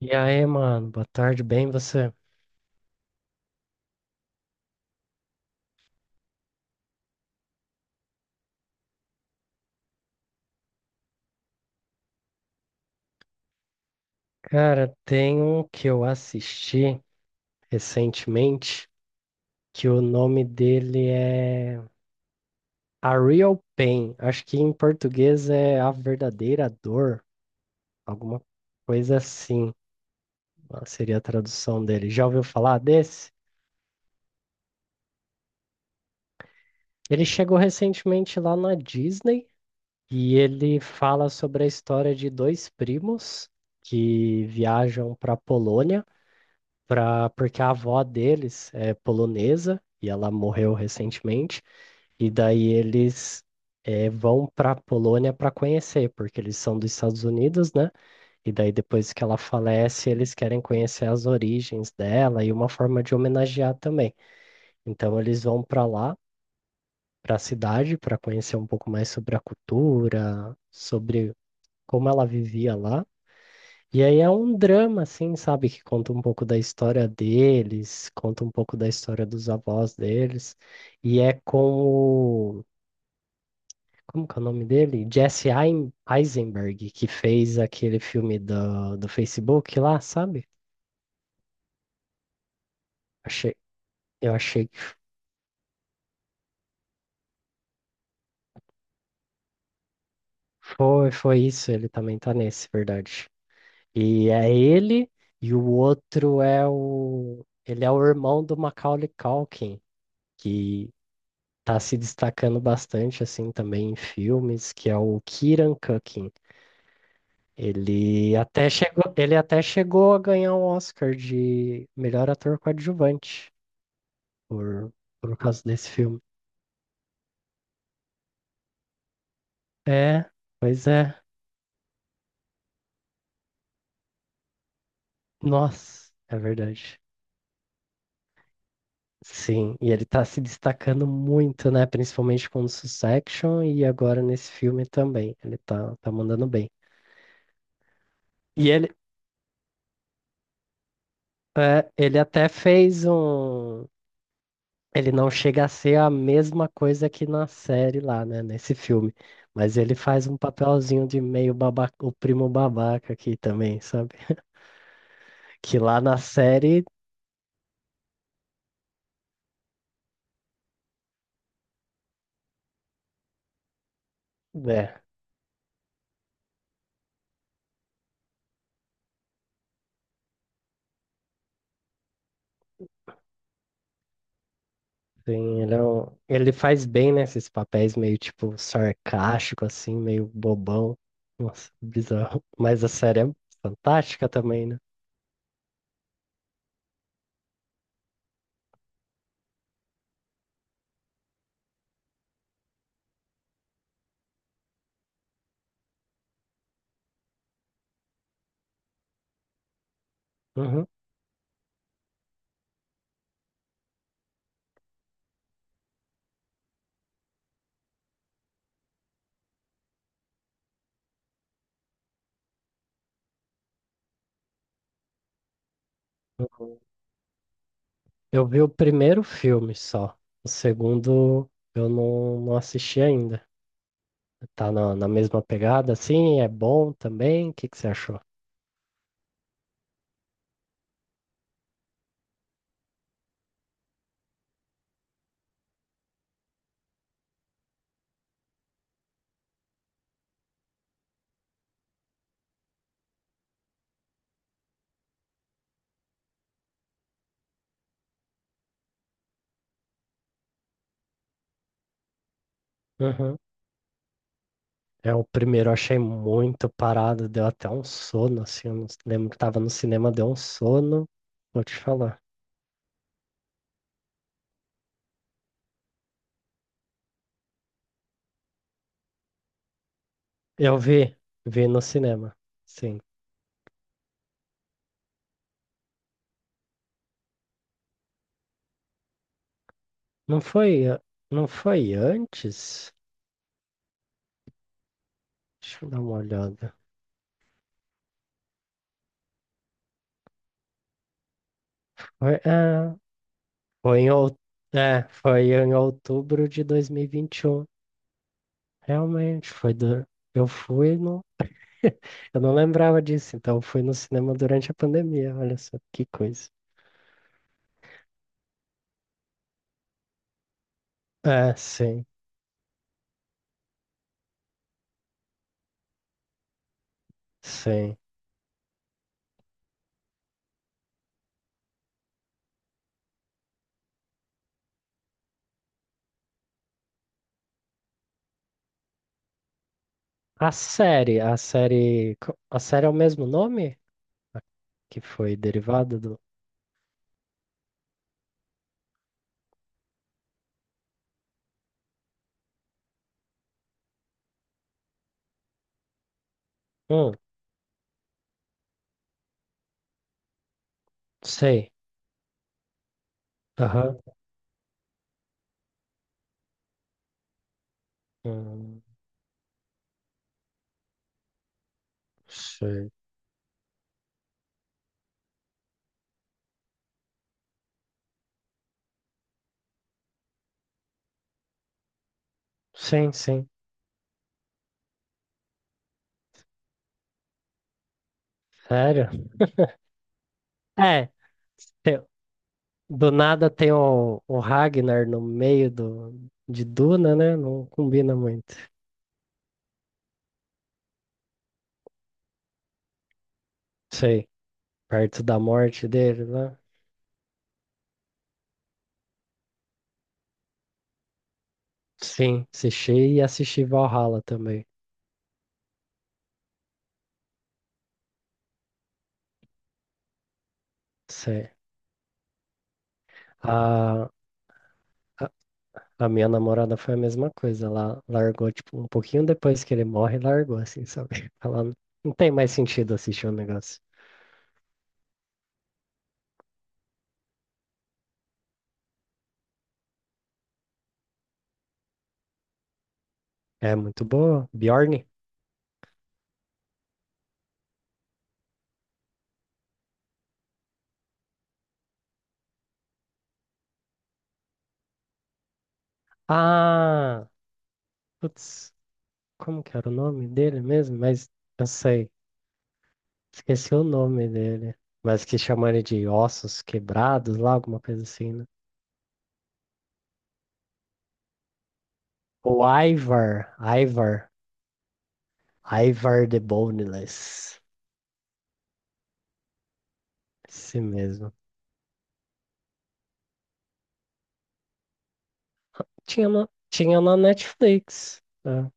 E aí, mano, boa tarde, bem você? Cara, tem um que eu assisti recentemente, que o nome dele é A Real Pain. Acho que em português é A Verdadeira Dor, alguma coisa assim, ah, seria a tradução dele. Já ouviu falar desse? Ele chegou recentemente lá na Disney e ele fala sobre a história de dois primos que viajam para Polônia porque a avó deles é polonesa e ela morreu recentemente, e daí eles vão para Polônia para conhecer, porque eles são dos Estados Unidos, né? E daí depois que ela falece, eles querem conhecer as origens dela e uma forma de homenagear também. Então eles vão para lá, para a cidade, para conhecer um pouco mais sobre a cultura, sobre como ela vivia lá. E aí é um drama, assim, sabe? Que conta um pouco da história deles, conta um pouco da história dos avós deles. E é com o... Como que é o nome dele? Jesse Eisenberg, que fez aquele filme do Facebook lá, sabe? Achei, eu achei que foi isso. Ele também tá nesse, verdade. E é ele, e o outro é o... Ele é o irmão do Macaulay Culkin, que tá se destacando bastante assim também em filmes, que é o Kieran Culkin. Ele até chegou a ganhar o Oscar de melhor ator coadjuvante por, por causa desse filme. É, pois é. Nossa, é verdade. Sim, e ele tá se destacando muito, né? Principalmente com o Succession e agora nesse filme também. Ele tá mandando bem. E ele, é, ele até fez um, Ele não chega a ser a mesma coisa que na série lá, né? Nesse filme. Mas ele faz um papelzinho de meio babaca, o primo babaca aqui também, sabe? Que lá na série, né? Ele faz bem, né? Esses papéis meio tipo sarcástico, assim, meio bobão. Nossa, bizarro. Mas a série é fantástica também, né? Uhum. Uhum. Eu vi o primeiro filme só. O segundo eu não assisti ainda. Tá na mesma pegada, assim, é bom também? O que que você achou? Uhum. É, o primeiro eu achei muito parado, deu até um sono, assim, eu não lembro que tava no cinema, deu um sono, vou te falar. Eu vi no cinema, sim. Não foi, a- não foi antes? Deixa eu dar uma olhada. Foi, é, foi em, out- é, foi em outubro de 2021, realmente, eu fui Eu não lembrava disso, então fui no cinema durante a pandemia, olha só que coisa. É, sim, sim. A série é o mesmo nome? A Que foi derivada do. Hum, sei. Aham. Hum, sei. Sim, sim. Sério? É, tem- do nada tem o Ragnar no meio de Duna, né? Não combina muito. Sei, perto da morte dele, né? Sim, assisti e assisti Valhalla também. Sei. A, a, a minha namorada foi a mesma coisa. Ela largou, tipo, um pouquinho depois que ele morre, largou, assim, sabe? Não tem mais sentido assistir o negócio. É muito boa. Bjorn? Ah! Putz, como que era o nome dele mesmo? Mas eu sei. Esqueci o nome dele. Mas que chamam ele de ossos quebrados lá, alguma coisa assim, né? O Ivar. Ivar. Ivar the Boneless. Esse mesmo. Tinha na Netflix, né?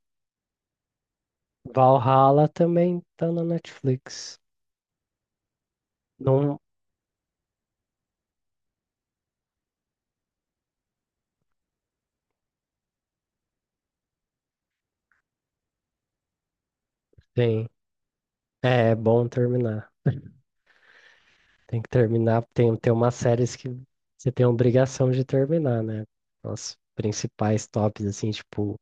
Valhalla também tá na Netflix. Não tem. É bom terminar. Tem que terminar. Tem umas séries que você tem a obrigação de terminar, né? Os principais tops, assim, tipo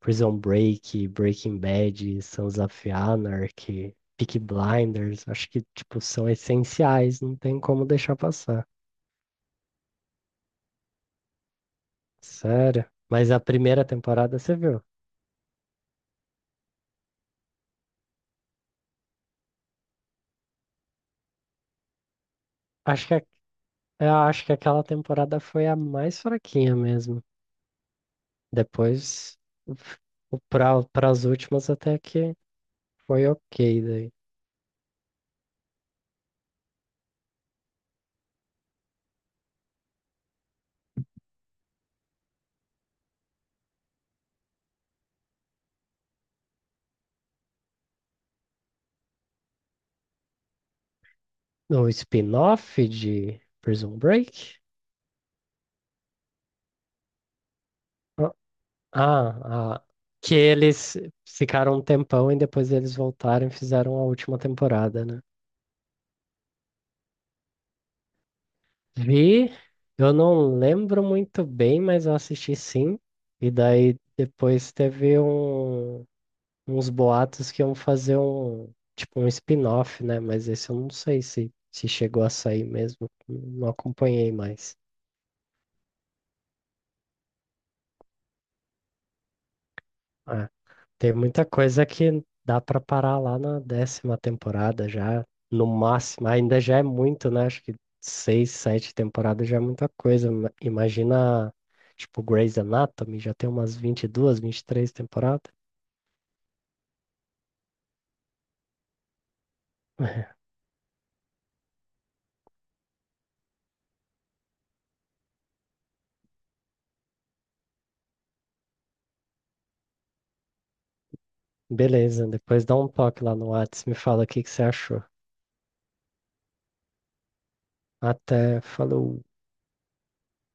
Prison Break, Breaking Bad, Sons of Anarchy, Peaky Blinders. Acho que, tipo, são essenciais. Não tem como deixar passar. Sério. Mas a primeira temporada você viu? Acho que a Eu acho que aquela temporada foi a mais fraquinha mesmo. Depois, para as últimas até que foi ok daí. No spin-off de Prison Break? Ah, ah, ah, que eles ficaram um tempão e depois eles voltaram e fizeram a última temporada, né? Vi, eu não lembro muito bem, mas eu assisti sim. E daí depois teve uns boatos que iam fazer um, tipo, um spin-off, né? Mas esse eu não sei se chegou a sair mesmo. Não acompanhei mais. Ah, tem muita coisa que dá pra parar lá na décima temporada já, no máximo. Ainda já é muito, né? Acho que seis, sete temporadas já é muita coisa. Imagina, tipo, Grey's Anatomy, já tem umas 20, 22, 23 temporadas. Beleza, depois dá um toque lá no Whats, me fala o que que você achou. Até, falou.